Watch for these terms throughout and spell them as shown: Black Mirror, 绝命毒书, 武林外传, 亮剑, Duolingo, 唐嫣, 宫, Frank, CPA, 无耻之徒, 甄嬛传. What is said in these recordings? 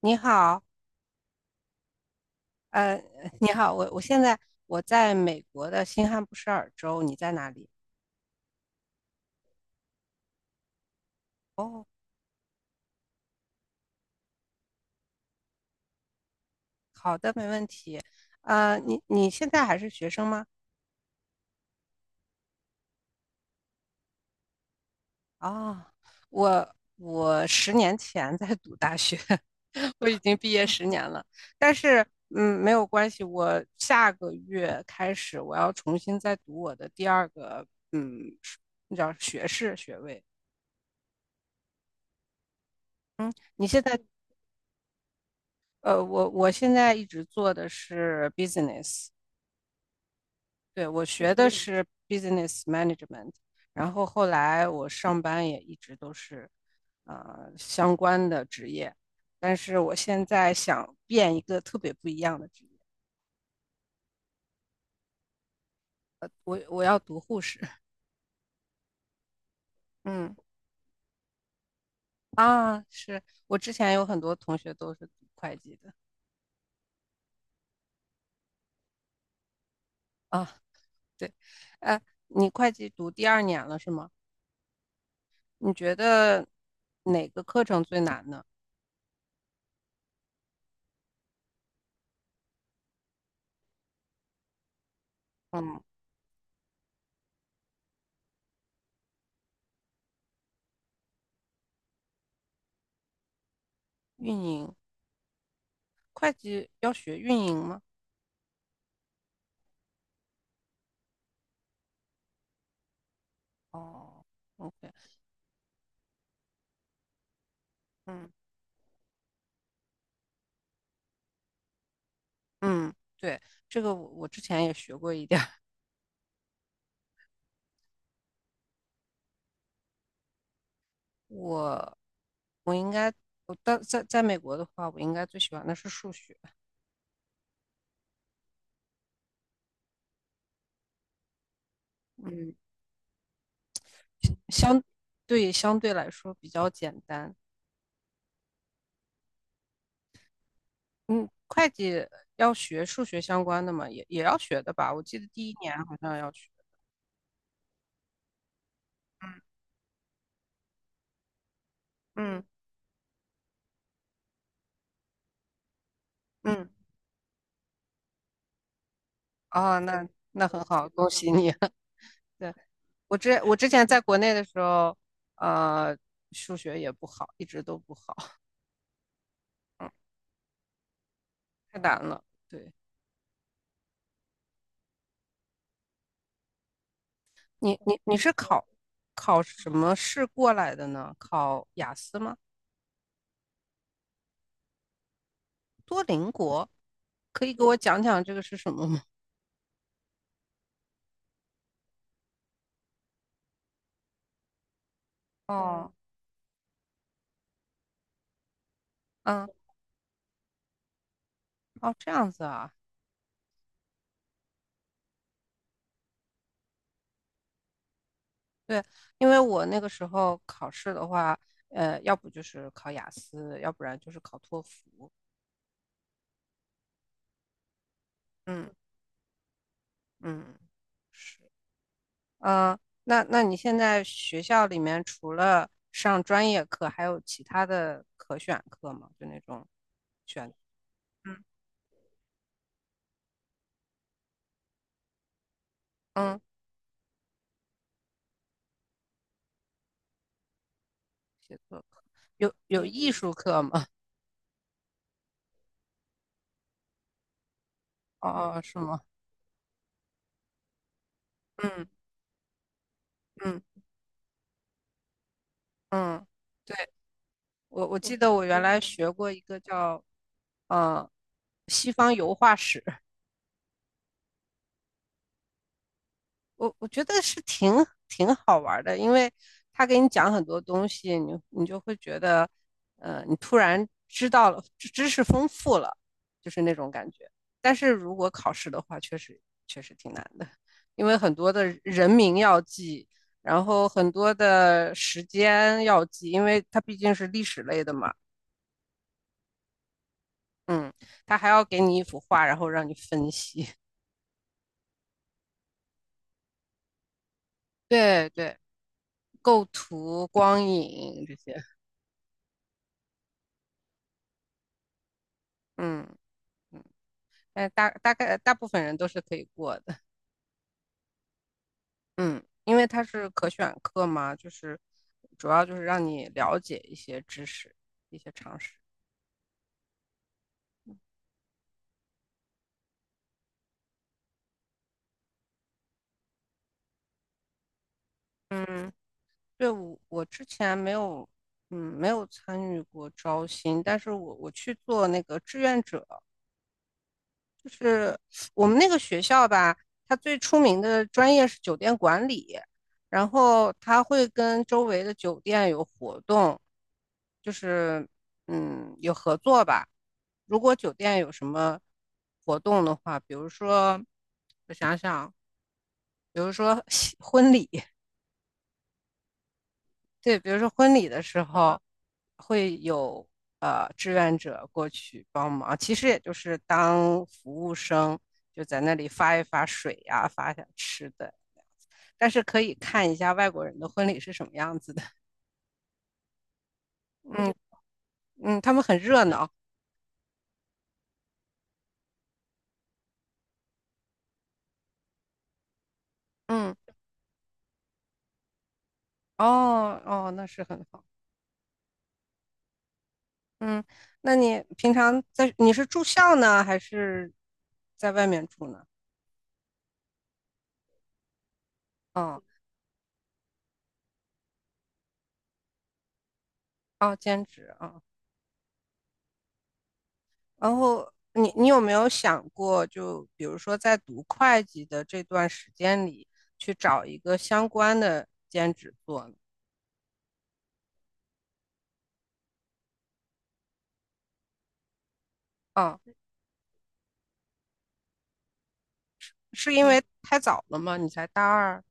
你好，呃，你好，我在美国的新罕布什尔州，你在哪里？哦，你现在还是学生吗？哦，我十年前在读大学，我已经毕业十年了，但是没有关系，我下个月开始我要重新再读我的第二个是那叫学士学位。嗯，你现在呃，我现在一直做的是 business。对，我学的是 business management,然后后来我上班也一直都是相关的职业，但是我现在想变一个特别不一样的职业，我要读护士。嗯。 啊，是我之前有很多同学都是读会计的啊，对，呃，你会计读第二年了是吗？你觉得哪个课程最难呢？运营，会计要学运营吗？哦，OK,嗯。嗯对，这个我之前也学过一点儿，我应该在美国的话，我应该最喜欢的是数学，嗯相对相对来说比较简单。嗯，会计要学数学相关的嘛，也要学的吧？我记得第一年好像要学。嗯嗯，哦，那很好，恭喜你。对，我之前在国内的时候，呃，数学也不好，一直都不好，嗯，太难了。对，你是考什么试过来的呢？考雅思吗？多邻国，可以给我讲讲这个是什么吗？哦，嗯，哦，这样子啊，对，因为我那个时候考试的话，要不就是考雅思，要不然就是考托福。嗯嗯，是，嗯，那你现在学校里面除了上专业课，还有其他的可选课吗？就那种选，嗯嗯。写作课，有艺术课吗？哦，是吗？嗯嗯嗯，对，我记得我原来学过一个叫呃西方油画史，我觉得是挺好玩的，因为他给你讲很多东西，你就会觉得，你突然知道了，知识丰富了，就是那种感觉。但是如果考试的话，确实挺难的，因为很多的人名要记，然后很多的时间要记，因为它毕竟是历史类的嘛，嗯，它还要给你一幅画，然后让你分析，对对，构图、光影这些，嗯。但大概大部分人都是可以过的，嗯，因为它是可选课嘛，就是主要就是让你了解一些知识、一些常识。嗯，对，我之前没有，没有参与过招新，但是我去做那个志愿者，就是我们那个学校吧，它最出名的专业是酒店管理，然后它会跟周围的酒店有活动，就是有合作吧。如果酒店有什么活动的话，比如说我想想婚礼，对，比如说婚礼的时候会有志愿者过去帮忙，其实也就是当服务生，就在那里发一发水呀、发一下吃的，但是可以看一下外国人的婚礼是什么样子的。嗯嗯，他们很热闹。嗯，哦哦，那是很好。嗯，那你平常你是住校呢，还是在外面住呢？哦哦，兼职啊。哦，然后你有没有想过，就比如说在读会计的这段时间里，去找一个相关的兼职做呢？啊，是因为太早了吗？你才大二？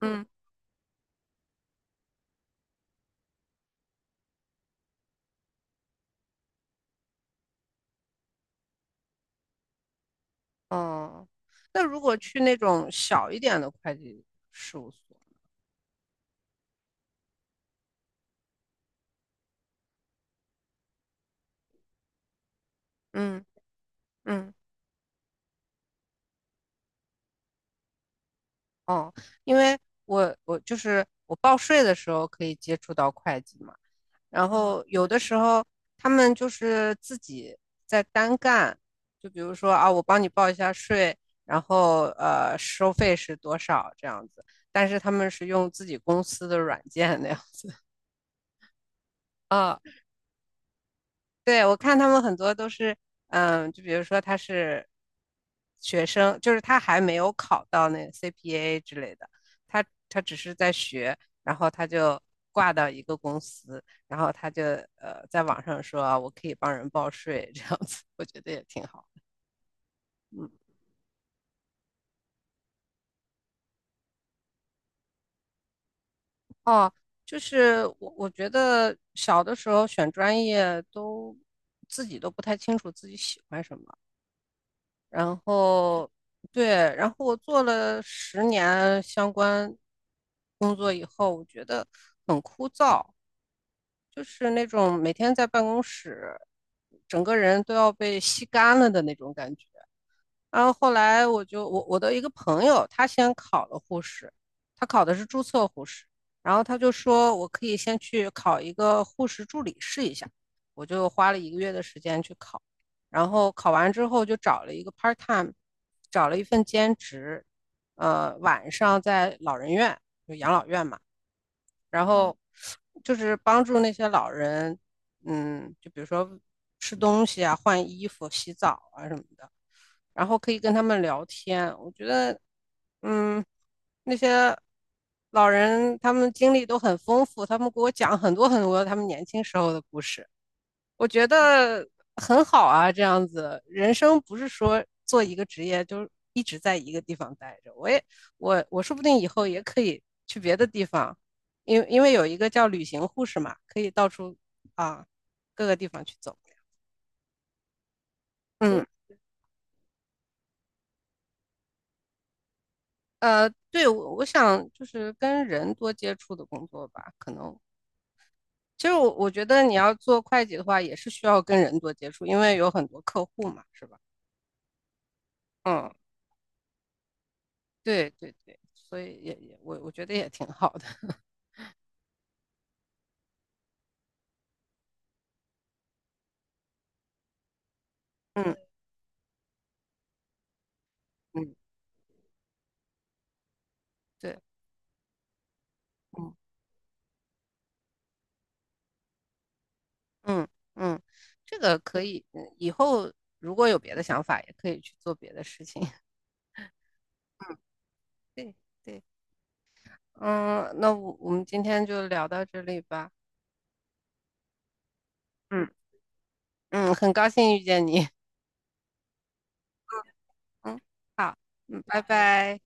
嗯。哦，那如果去那种小一点的会计事务所，嗯嗯，哦，因为我就是我报税的时候可以接触到会计嘛，然后有的时候他们就是自己在单干，就比如说啊，我帮你报一下税，然后收费是多少这样子，但是他们是用自己公司的软件那样子啊，对，我看他们很多都是，就比如说他是学生，就是他还没有考到那个 CPA 之类的，他只是在学，然后他就挂到一个公司，然后他就在网上说啊我可以帮人报税这样子，我觉得也挺好。嗯，哦，就是我觉得小的时候选专业都自己都不太清楚自己喜欢什么，然后对，然后我做了十年相关工作以后，我觉得很枯燥，就是那种每天在办公室，整个人都要被吸干了的那种感觉。然后后来我就我我的一个朋友，他先考了护士，他考的是注册护士，然后他就说我可以先去考一个护士助理试一下，我就花了一个月的时间去考，然后考完之后就找了一个 part time,找了一份兼职，晚上在老人院，就养老院嘛。然后就是帮助那些老人，就比如说吃东西啊、换衣服、洗澡啊什么的，然后可以跟他们聊天。我觉得，嗯，那些老人他们经历都很丰富，他们给我讲很多很多他们年轻时候的故事。我觉得很好啊，这样子人生不是说做一个职业就一直在一个地方待着。我也，我说不定以后也可以去别的地方，因为有一个叫旅行护士嘛，可以到处啊各个地方去走。嗯对，我想就是跟人多接触的工作吧，可能其实我觉得你要做会计的话，也是需要跟人多接触，因为有很多客户嘛，是吧？嗯。对对对，所以也我觉得也挺好的。嗯嗯，对，嗯嗯嗯，这个可以，以后如果有别的想法，也可以去做别的事情。嗯，对对，嗯，那我们今天就聊到这里吧。嗯嗯，很高兴遇见你。嗯，好，嗯，拜拜。